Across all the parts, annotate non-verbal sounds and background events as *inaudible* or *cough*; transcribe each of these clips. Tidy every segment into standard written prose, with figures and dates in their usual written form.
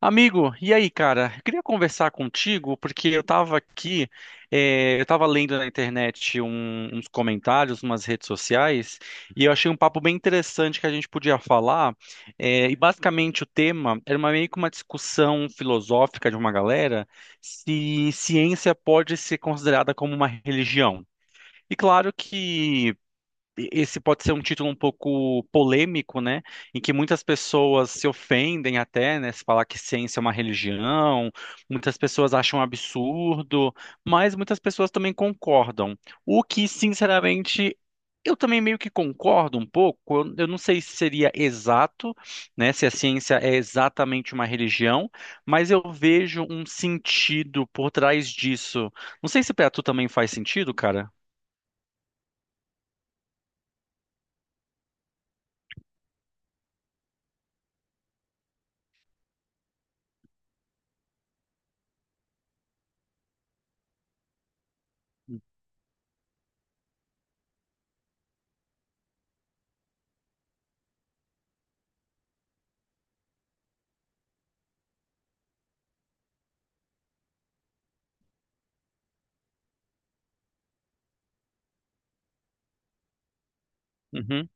Amigo, e aí, cara? Eu queria conversar contigo porque eu tava aqui, eu tava lendo na internet uns comentários, umas redes sociais, e eu achei um papo bem interessante que a gente podia falar. Eh, e basicamente o tema era meio que uma discussão filosófica de uma galera se ciência pode ser considerada como uma religião. E claro que esse pode ser um título um pouco polêmico, né? Em que muitas pessoas se ofendem até, né? Se falar que ciência é uma religião, muitas pessoas acham um absurdo, mas muitas pessoas também concordam. O que, sinceramente, eu também meio que concordo um pouco. Eu não sei se seria exato, né? Se a ciência é exatamente uma religião, mas eu vejo um sentido por trás disso. Não sei se para tu também faz sentido, cara. Uhum,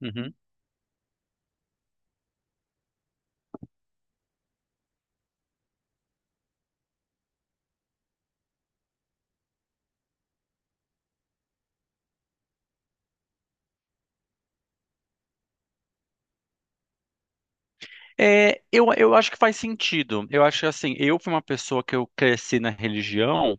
uhum. É, eu acho que faz sentido. Eu acho que, assim, eu fui uma pessoa que eu cresci na religião,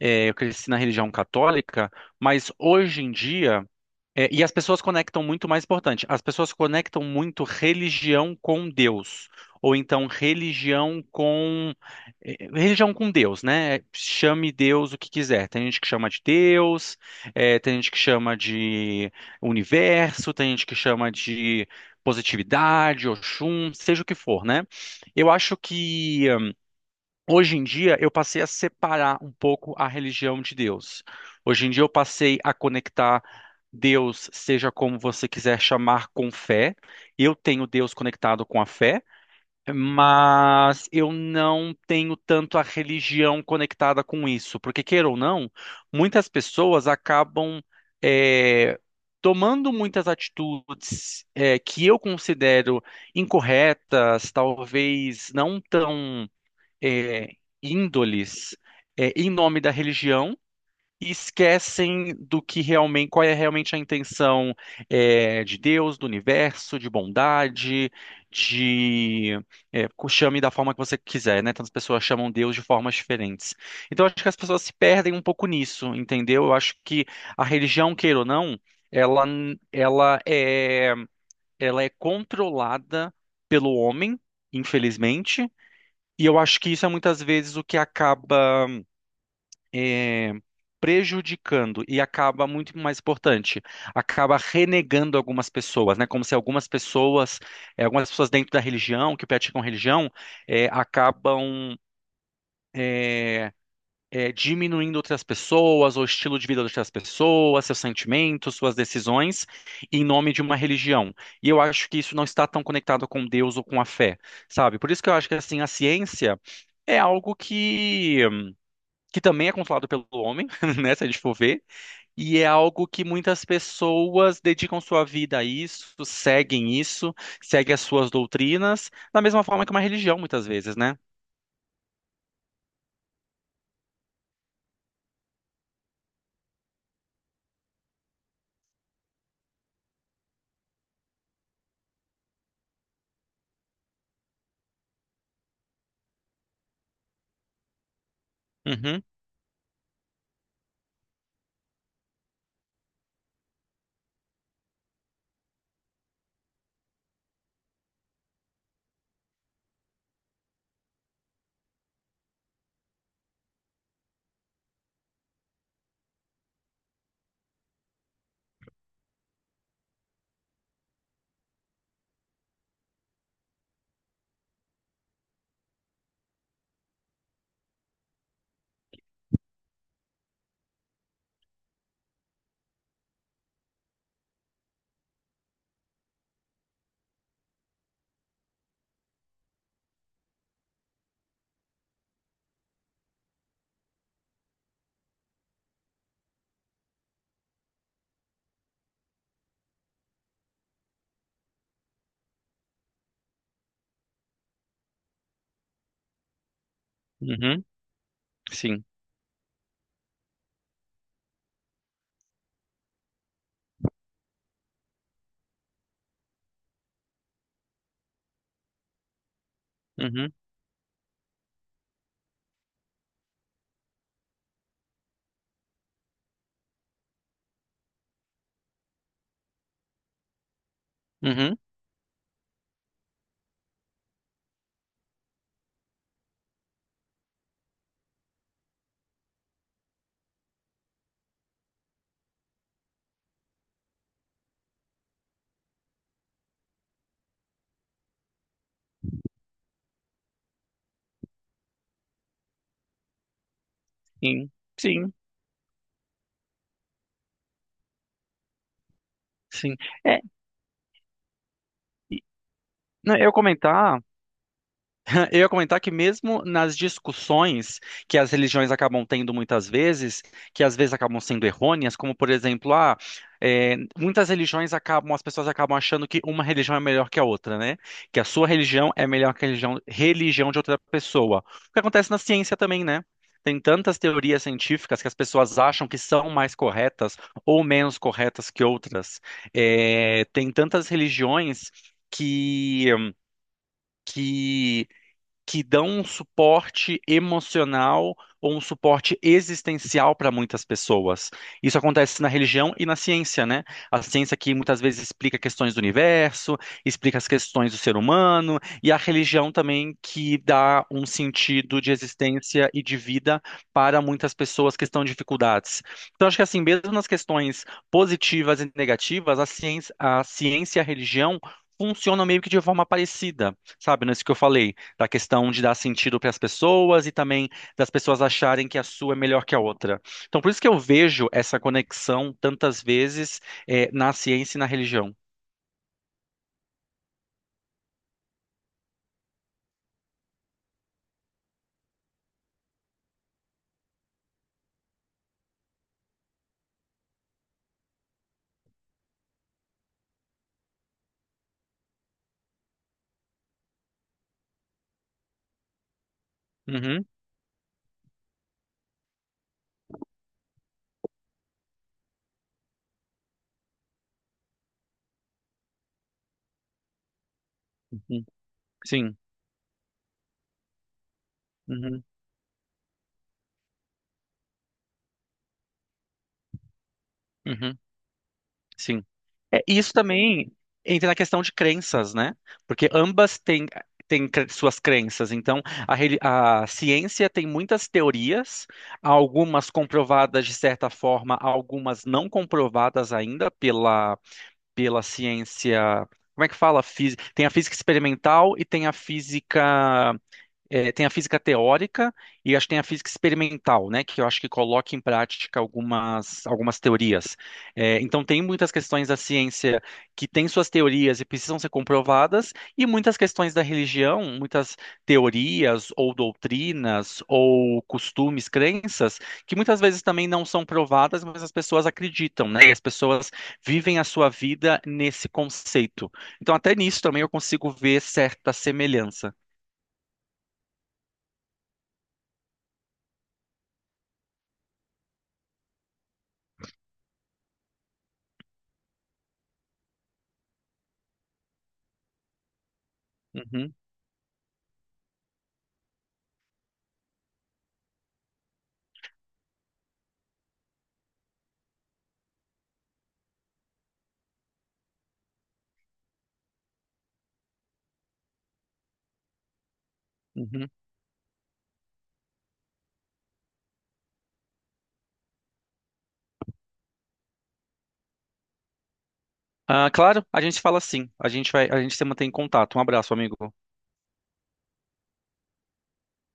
é, eu cresci na religião católica, mas hoje em dia. É, e as pessoas conectam muito, mais importante, as pessoas conectam muito religião com Deus, ou então religião com religião com Deus, né? Chame Deus o que quiser. Tem gente que chama de Deus, tem gente que chama de universo, tem gente que chama de positividade, Oxum, seja o que for, né? Eu acho que hoje em dia, eu passei a separar um pouco a religião de Deus. Hoje em dia, eu passei a conectar Deus, seja como você quiser chamar, com fé. Eu tenho Deus conectado com a fé, mas eu não tenho tanto a religião conectada com isso. Porque, queira ou não, muitas pessoas acabam, eh, tomando muitas atitudes, que eu considero incorretas, talvez não tão é, índoles é, em nome da religião e esquecem do que realmente, qual é realmente a intenção é, de Deus, do universo, de bondade, de é, chame da forma que você quiser, né? Tantas pessoas chamam Deus de formas diferentes. Então, eu acho que as pessoas se perdem um pouco nisso, entendeu? Eu acho que a religião, queira ou não, ela, ela é, ela é controlada pelo homem, infelizmente, e eu acho que isso é muitas vezes o que acaba eh, prejudicando e acaba muito mais importante, acaba renegando algumas pessoas, né? Como se algumas pessoas, algumas pessoas dentro da religião, que praticam religião, eh, acabam. eh, é, diminuindo outras pessoas, ou estilo de vida de outras pessoas, seus sentimentos, suas decisões, em nome de uma religião. E eu acho que isso não está tão conectado com Deus ou com a fé, sabe? Por isso que eu acho que assim a ciência é algo que também é controlado pelo homem, *laughs* né, se a gente for ver, e é algo que muitas pessoas dedicam sua vida a isso, seguem as suas doutrinas, da mesma forma que uma religião muitas vezes, né? Uhum, uhum, sim. Uhum, uhum. Sim, sim, sim. É, e- não, eu ia comentar. Eu ia comentar que mesmo nas discussões que as religiões acabam tendo muitas vezes, que às vezes acabam sendo errôneas, como por exemplo, ah, é, muitas religiões acabam, as pessoas acabam achando que uma religião é melhor que a outra, né? Que a sua religião é melhor que a religião de outra pessoa. O que acontece na ciência também, né? Tem tantas teorias científicas que as pessoas acham que são mais corretas ou menos corretas que outras. É, tem tantas religiões que, que que dão um suporte emocional ou um suporte existencial para muitas pessoas. Isso acontece na religião e na ciência, né? A ciência que muitas vezes explica questões do universo, explica as questões do ser humano, e a religião também que dá um sentido de existência e de vida para muitas pessoas que estão em dificuldades. Então, acho que assim, mesmo nas questões positivas e negativas, a ciência e a religião funcionam meio que de forma parecida, sabe? Nisso que eu falei da questão de dar sentido para as pessoas e também das pessoas acharem que a sua é melhor que a outra. Então, por isso que eu vejo essa conexão tantas vezes na ciência e na religião. Uhum, uhum, sim, uhum, uhum, sim. É, e isso também entra na questão de crenças, né? Porque ambas têm, suas crenças. Então, a ciência tem muitas teorias, algumas comprovadas de certa forma, algumas não comprovadas ainda pela ciência. Como é que fala? Tem a física experimental e tem a física teórica e acho que tem a física experimental, né, que eu acho que coloca em prática algumas teorias. É, então, tem muitas questões da ciência que têm suas teorias e precisam ser comprovadas, e muitas questões da religião, muitas teorias ou doutrinas ou costumes, crenças, que muitas vezes também não são provadas, mas as pessoas acreditam, né, e as pessoas vivem a sua vida nesse conceito. Então, até nisso também eu consigo ver certa semelhança. Uhum, uhum. Ah, claro, a gente fala sim. A gente vai, a gente se mantém em contato. Um abraço, amigo.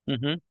Uhum.